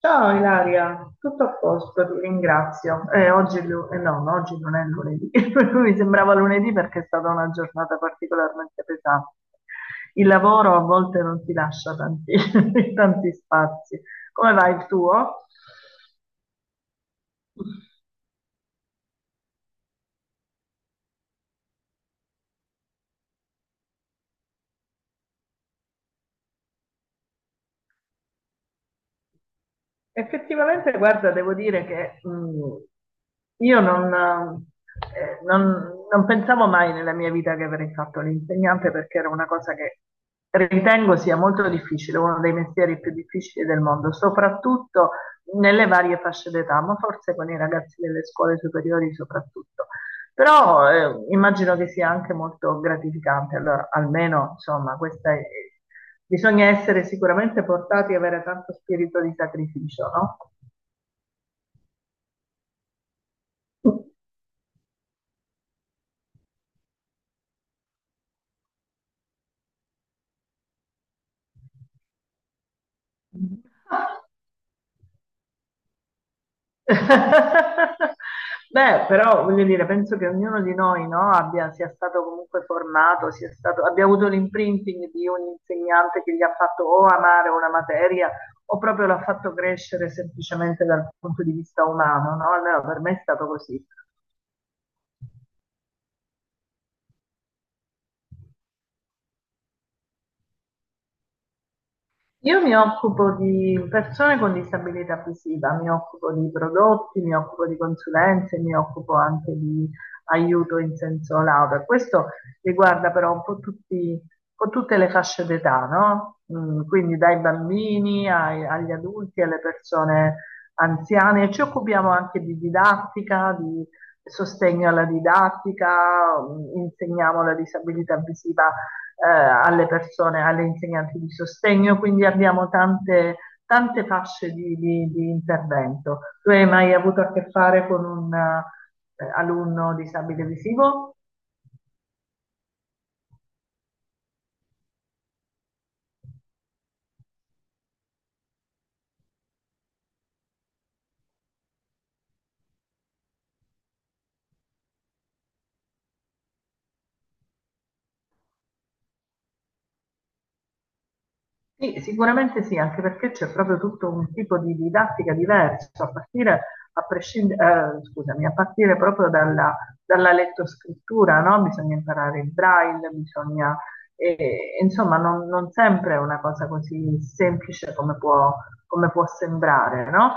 Ciao Ilaria, tutto a posto, ti ringrazio. Oggi, è lu- no, no, oggi non è lunedì, mi sembrava lunedì perché è stata una giornata particolarmente pesante. Il lavoro a volte non ti lascia tanti, tanti spazi. Come va il tuo? Effettivamente, guarda, devo dire che io non, non- non pensavo mai nella mia vita che avrei fatto l'insegnante, perché era una cosa che ritengo sia molto difficile, uno dei mestieri più difficili del mondo, soprattutto nelle varie fasce d'età, ma forse con i ragazzi delle scuole superiori soprattutto. Però immagino che sia anche molto gratificante, allora almeno insomma bisogna essere sicuramente portati e avere tanto spirito di sacrificio, no? Beh, però voglio dire, penso che ognuno di noi, no, sia stato comunque formato, abbia avuto l'imprinting di un insegnante che gli ha fatto o amare una materia o proprio l'ha fatto crescere semplicemente dal punto di vista umano, no? Almeno per me è stato così. Io mi occupo di persone con disabilità visiva, mi occupo di prodotti, mi occupo di consulenze, mi occupo anche di aiuto in senso lato. Questo riguarda però un po' tutte le fasce d'età, no? Mm, quindi agli adulti, alle persone anziane. Ci occupiamo anche di didattica, di sostegno alla didattica, mm, insegniamo la disabilità visiva alle persone, alle insegnanti di sostegno, quindi abbiamo tante, tante fasce di intervento. Tu hai mai avuto a che fare con un alunno disabile visivo? Sì, sicuramente sì, anche perché c'è proprio tutto un tipo di didattica diverso, a partire, a prescind- scusami, a partire proprio dalla, dalla lettoscrittura, no? Bisogna imparare il braille, bisogna, insomma, non sempre è una cosa così semplice come come può sembrare, no?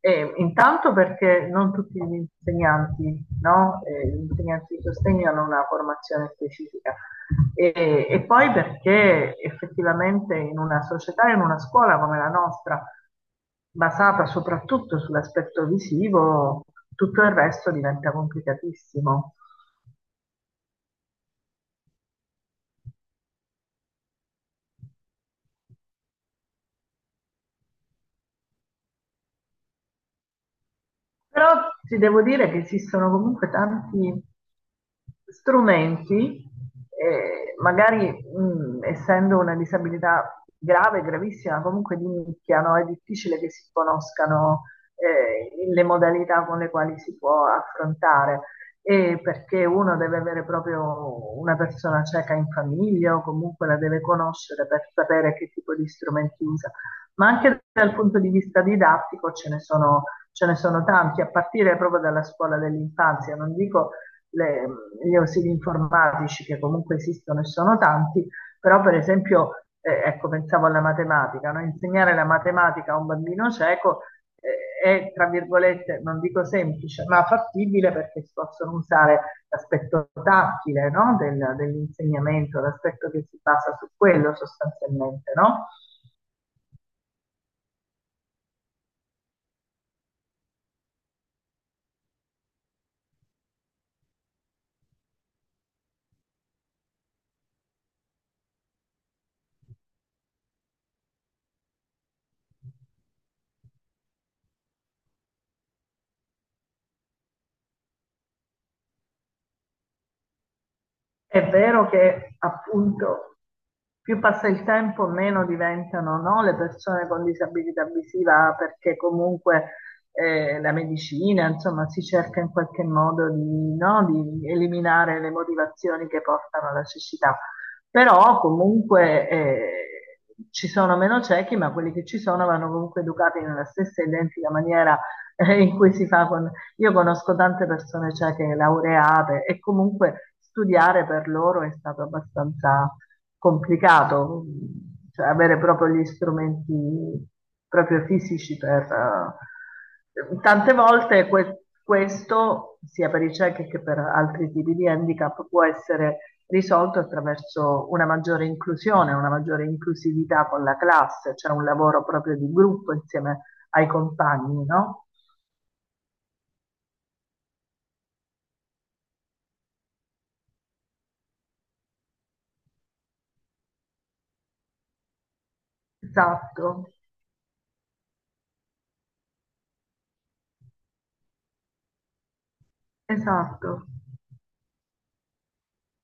E intanto perché non tutti gli insegnanti, no? Gli insegnanti di sostegno hanno una formazione specifica e poi perché effettivamente in una società, in una scuola come la nostra, basata soprattutto sull'aspetto visivo, tutto il resto diventa complicatissimo. Però ti devo dire che esistono comunque tanti strumenti, magari essendo una disabilità grave, gravissima, comunque di nicchia, no? È difficile che si conoscano le modalità con le quali si può affrontare, e perché uno deve avere proprio una persona cieca in famiglia o comunque la deve conoscere per sapere che tipo di strumenti usa. Ma anche dal punto di vista didattico ce ne sono tanti, a partire proprio dalla scuola dell'infanzia, non dico le- gli ausili informatici che comunque esistono e sono tanti, però per esempio, ecco, pensavo alla matematica, no? Insegnare la matematica a un bambino cieco è, tra virgolette, non dico semplice, ma fattibile, perché si possono usare l'aspetto tattile, no? Dell'insegnamento, l'aspetto che si basa su quello sostanzialmente, no? È vero che appunto più passa il tempo, meno diventano, no, le persone con disabilità visiva, perché comunque la medicina, insomma, si cerca in qualche modo di, no, di eliminare le motivazioni che portano alla cecità. Però comunque ci sono meno ciechi, ma quelli che ci sono vanno comunque educati nella stessa identica maniera in cui si fa con io conosco tante persone cieche laureate e comunque studiare per loro è stato abbastanza complicato, cioè avere proprio gli strumenti proprio fisici per... tante volte questo, sia per i ciechi che per altri tipi di handicap, può essere risolto attraverso una maggiore inclusione, una maggiore inclusività con la classe, cioè un lavoro proprio di gruppo insieme ai compagni, no? Esatto. Esatto.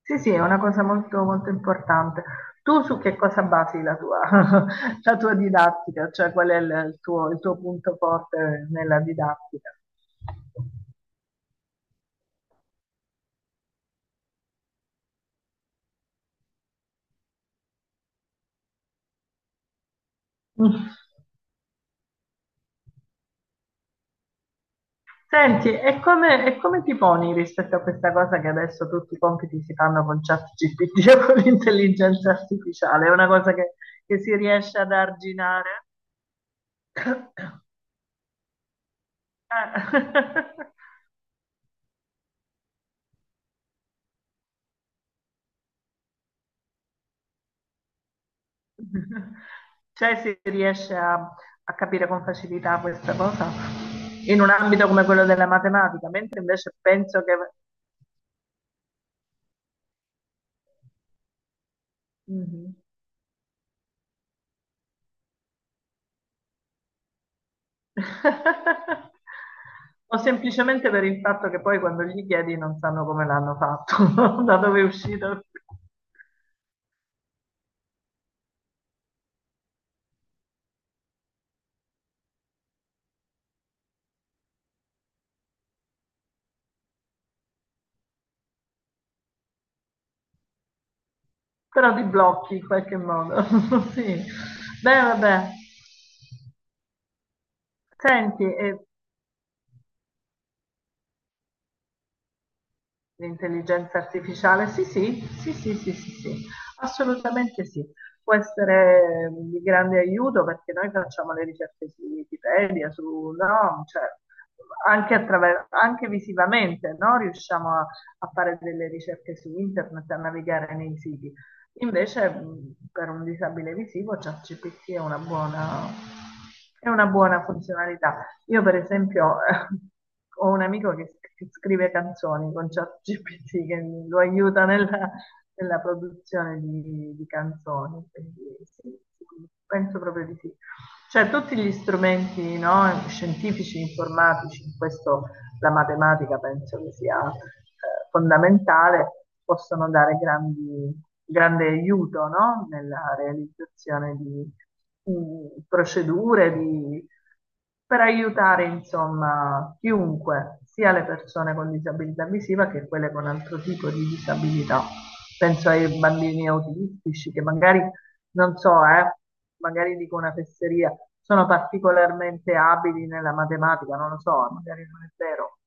Sì, sì, è una cosa molto, molto importante. Tu su che cosa basi la tua, la tua didattica? Cioè, qual è il tuo punto forte nella didattica? Mm. Senti, e come ti poni rispetto a questa cosa che adesso tutti i compiti si fanno con ChatGPT o con l'intelligenza artificiale? È una cosa che si riesce ad arginare? Eh. Cioè si riesce a capire con facilità questa cosa in un ambito come quello della matematica, mentre invece penso che... Mhm. O semplicemente per il fatto che poi quando gli chiedi non sanno come l'hanno fatto, da dove è uscito, però ti blocchi in qualche modo. Sì. Beh, vabbè. Senti, l'intelligenza artificiale, sì, sì, sì, sì, sì, sì, sì, assolutamente sì. Può essere di grande aiuto, perché noi facciamo le ricerche su Wikipedia, su, no, cioè, anche, anche visivamente, no? Riusciamo a fare delle ricerche su internet, a navigare nei siti. Invece, per un disabile visivo, ChatGPT è una buona funzionalità. Io per esempio ho un amico che scrive canzoni con ChatGPT lo aiuta nella, nella produzione di canzoni, quindi sì, sì, penso proprio di sì. Cioè tutti gli strumenti, no, scientifici, informatici, in questo la matematica penso che sia fondamentale, possono dare grandi, grande aiuto, no? Nella realizzazione di procedure, di- per aiutare insomma chiunque, sia le persone con disabilità visiva che quelle con altro tipo di disabilità. Penso ai bambini autistici che magari, non so, magari dico una fesseria, sono particolarmente abili nella matematica, non lo so, magari non è vero,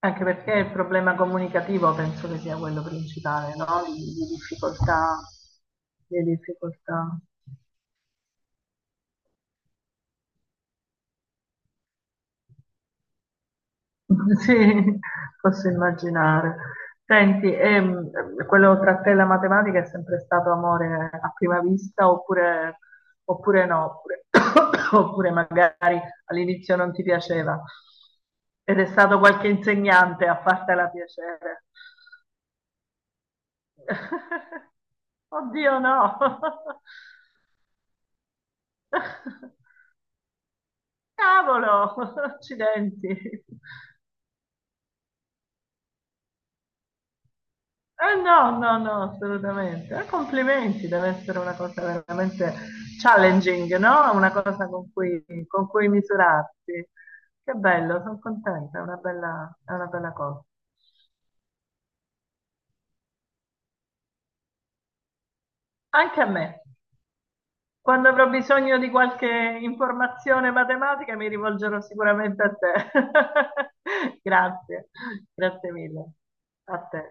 anche perché il problema comunicativo penso che sia quello principale, no? Di difficoltà, di difficoltà. Sì, posso immaginare. Senti, quello tra te e la matematica è sempre stato amore a prima vista oppure, oppure no? Oppure, oppure magari all'inizio non ti piaceva ed è stato qualche insegnante a fartela piacere. Oddio, no! Cavolo, accidenti. Eh no, no, no, assolutamente. Complimenti, deve essere una cosa veramente challenging, no? Una cosa con cui misurarsi. Che bello, sono contenta, è una bella cosa. Anche a me. Quando avrò bisogno di qualche informazione matematica mi rivolgerò sicuramente a te. Grazie, grazie mille. A te.